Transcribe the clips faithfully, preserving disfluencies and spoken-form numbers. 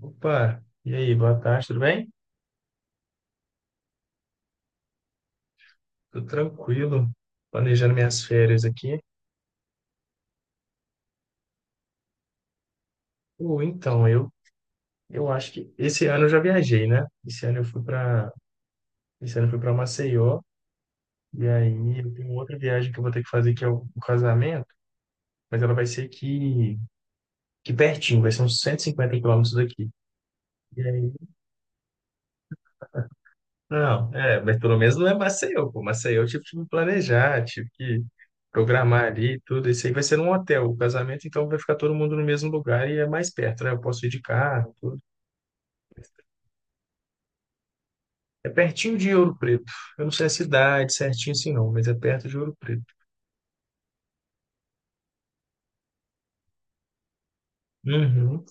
Opa, e aí, boa tarde, tudo bem? Tudo tranquilo, planejando minhas férias aqui. Ou então, eu eu acho que esse ano eu já viajei, né? Esse ano eu fui para esse ano eu fui para Maceió e aí eu tenho outra viagem que eu vou ter que fazer, que é o, o casamento, mas ela vai ser aqui, aqui pertinho, vai ser uns cento e cinquenta quilômetros daqui. Não, é, mas pelo menos não é Maceió, pô. Maceió eu tive que me planejar, tive que programar ali e tudo. Isso aí vai ser num hotel. O casamento, então, vai ficar todo mundo no mesmo lugar e é mais perto, né? Eu posso ir de carro, tudo. É pertinho de Ouro Preto. Eu não sei a cidade certinho assim, não, mas é perto de Ouro Preto. Uhum.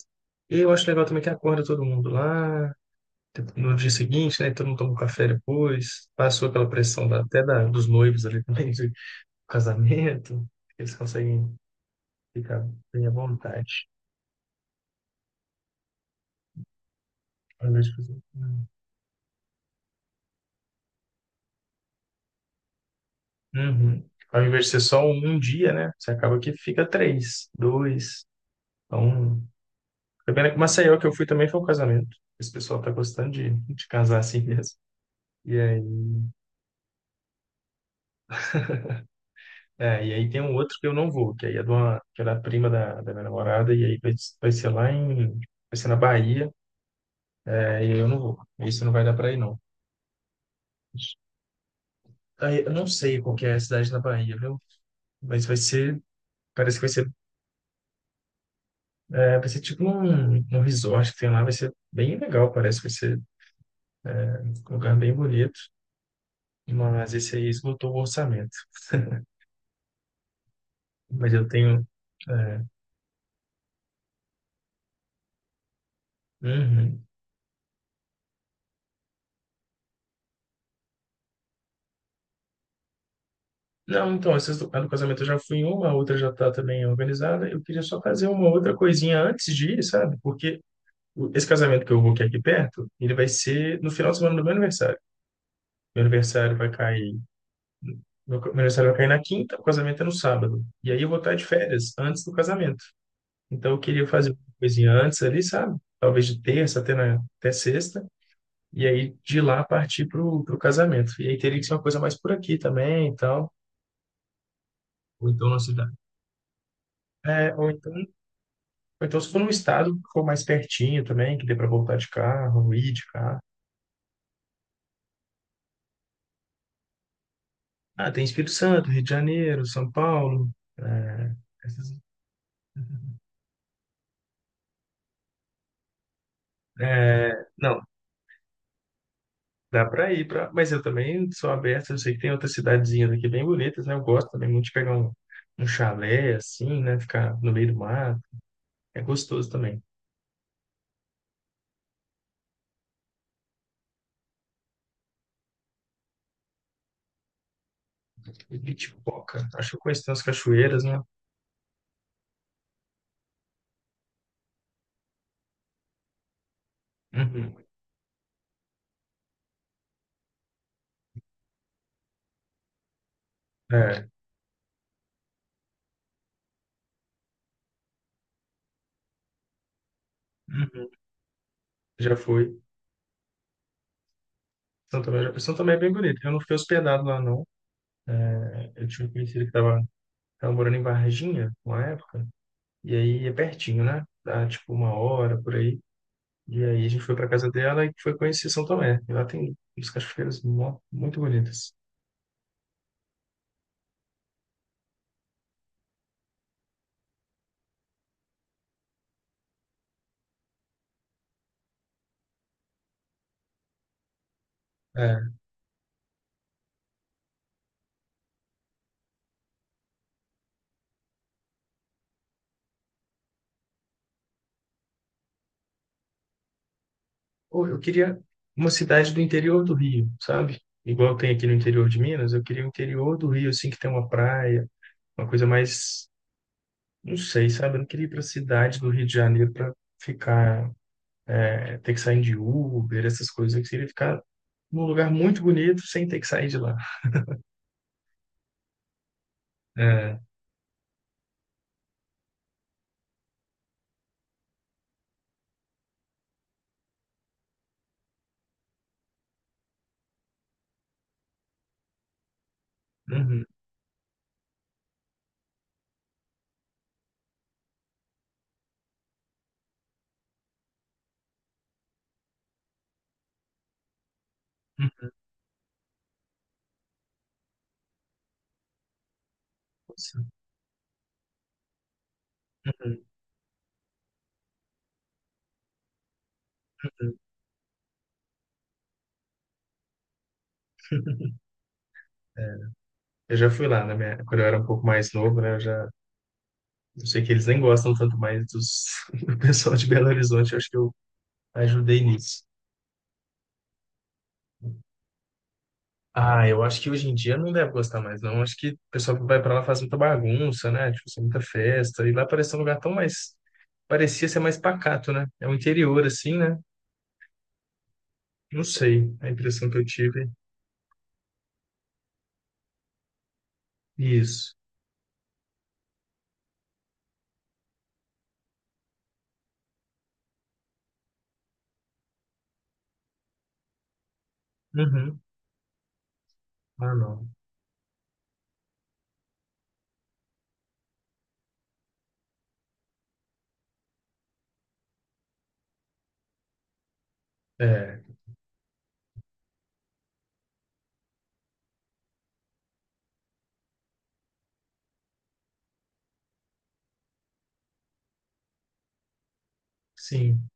E eu acho legal também que acorda todo mundo lá no dia seguinte, né? Todo mundo toma um café depois. Passou aquela pressão da- até da, dos noivos ali também, do casamento. Eles conseguem ficar bem à vontade. Ao invés de fazer- Uhum. Uhum. Ao invés de ser só um um dia, né? Você acaba que fica três, dois, um. Tá vendo que o Maceió que eu fui também foi um casamento. Esse pessoal tá gostando de, de casar assim mesmo. E aí, é, e aí tem um outro que eu não vou, que aí é de uma, que é da prima da, da minha namorada, e aí vai, vai ser lá em, vai ser na Bahia, é, e aí eu não vou. Isso não vai dar pra ir, não. Aí, eu não sei qual que é a cidade na Bahia, viu? Mas vai ser, parece que vai ser, é, vai ser tipo um, um resort que tem lá, vai ser bem legal, parece que vai ser um lugar bem bonito, mas esse aí esgotou o orçamento. Mas eu tenho. É, uhum. Não, então, essas do, a do casamento eu já fui em uma, a outra já está também organizada. Eu queria só fazer uma outra coisinha antes de ir, sabe? Porque o- esse casamento que eu vou, que é aqui perto, ele vai ser no final de semana do meu aniversário. Meu aniversário vai cair. Meu, ca- meu aniversário vai cair na quinta, o casamento é no sábado. E aí eu vou estar de férias antes do casamento. Então eu queria fazer uma coisinha antes ali, sabe? Talvez de terça até, na, até sexta. E aí de lá partir para o casamento. E aí teria que ser uma coisa mais por aqui também, então ou então na cidade. É, ou então, ou então se for num estado que for mais pertinho também, que dê para voltar de carro, ir de carro. Ah, tem Espírito Santo, Rio de Janeiro, São Paulo. É, essas- é, não, dá para ir para. Mas eu também sou aberto, eu sei que tem outras cidadezinhas aqui bem bonitas, né? Eu gosto também muito de pegar um, um chalé assim, né? Ficar no meio do mar. É gostoso também. E Pitipoca. Acho que eu conheço, tem umas cachoeiras, né? Uhum. É. Uhum. Já fui. São Tomé, já. São Tomé é bem bonito. Eu não fiquei hospedado lá, não. Eu tinha um conhecido que tava, tava morando em Varginha, uma época. E aí é pertinho, né? Dá tipo uma hora por aí. E aí a gente foi pra casa dela e foi conhecer São Tomé. E lá tem umas cachoeiras mó- muito bonitas. É. Pô, eu queria uma cidade do interior do Rio, sabe? Igual tem aqui no interior de Minas, eu queria o interior do Rio, assim, que tem uma praia, uma coisa mais. Não sei, sabe? Eu não queria ir para cidade do Rio de Janeiro para ficar, é, ter que sair de Uber, essas coisas. Eu queria ficar num lugar muito bonito sem ter que sair de lá. É, uhum, uhum, nossa, uhum, uhum. Eu já fui lá na minha, quando eu era um pouco mais novo, né? Eu já, eu sei que eles nem gostam tanto mais dos, do pessoal de Belo Horizonte. Eu acho que eu ajudei nisso. Ah, eu acho que hoje em dia não deve gostar mais, não. Acho que o pessoal que vai para lá faz muita bagunça, né? Tipo, assim, muita festa. E lá parece um lugar tão mais, parecia ser mais pacato, né? É o interior, assim, né? Não sei, a impressão que eu tive. Isso. Uhum. Ah, não. É, sim.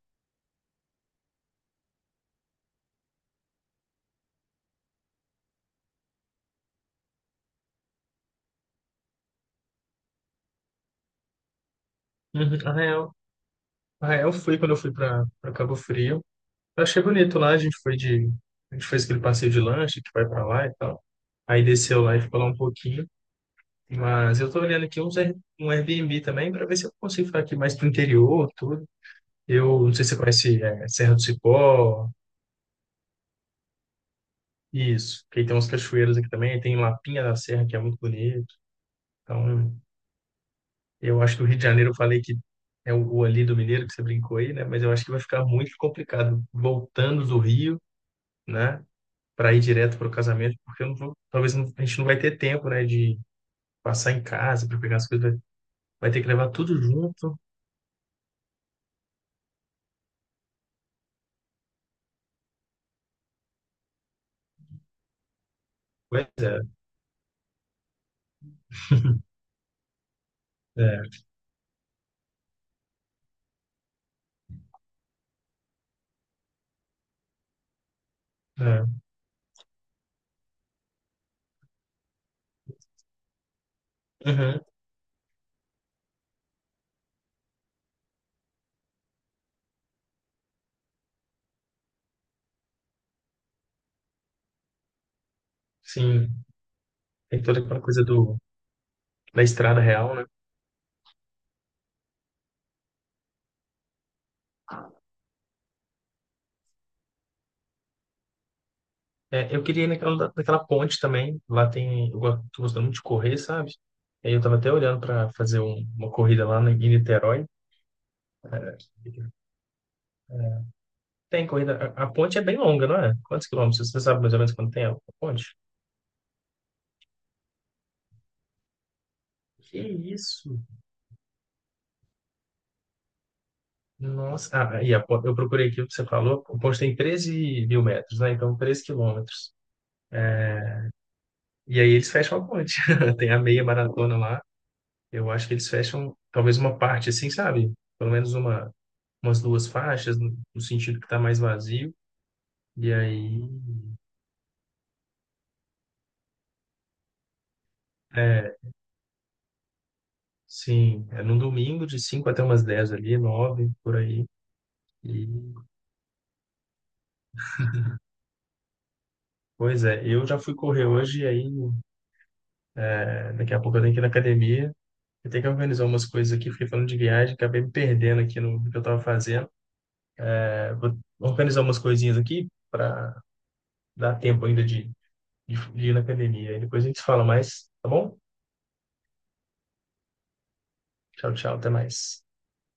Uhum. Arraial. Arraial foi quando eu fui para para Cabo Frio. Eu achei bonito lá, a gente foi de. A gente fez aquele passeio de lanche que vai para lá e tal. Aí desceu lá e ficou lá um pouquinho. Mas eu tô olhando aqui uns, Air- um Airbnb também para ver se eu consigo ficar aqui mais pro interior, tudo. Eu não sei se você conhece, é, Serra do Cipó. Isso, porque aí tem umas cachoeiras aqui também, tem Lapinha da Serra, que é muito bonito. Então, eu acho que o Rio de Janeiro, eu falei que é o, o ali do Mineiro, que você brincou aí, né? Mas eu acho que vai ficar muito complicado voltando do Rio, né? Para ir direto para o casamento, porque eu não vou, talvez não- a gente não vai ter tempo, né? De passar em casa para pegar as coisas, vai, vai ter que levar tudo junto. Pois é. É, é. Uhum, sim, tem toda aquela coisa do, da estrada real, né? É, eu queria ir naquela, naquela ponte também. Lá tem. Eu gosto, tô gostando muito de correr, sabe? Aí eu tava até olhando para fazer um- uma corrida lá no- em Niterói. É, tem corrida. A, a ponte é bem longa, não é? Quantos quilômetros? Você sabe mais ou menos quanto tem a ponte? Que isso? Nossa. Ah, aí a pon- eu procurei aqui o que você falou. A ponte tem treze mil metros, né? Então, 13 quilômetros. E aí eles fecham a ponte. Tem a meia maratona lá. Eu acho que eles fecham talvez uma parte assim, sabe? Pelo menos uma. umas duas faixas, no, no sentido que está mais vazio. E aí, é, sim, é no domingo de cinco até umas dez ali, nove por aí. E, pois é, eu já fui correr hoje e aí, é, daqui a pouco eu tenho que ir na academia. Eu tenho que organizar umas coisas aqui, fiquei falando de viagem, acabei me perdendo aqui no, no que eu estava fazendo. É, vou organizar umas coisinhas aqui para dar tempo ainda de, de, de ir na academia. Aí depois a gente se fala mais, tá bom? Tchau, tchau, até mais.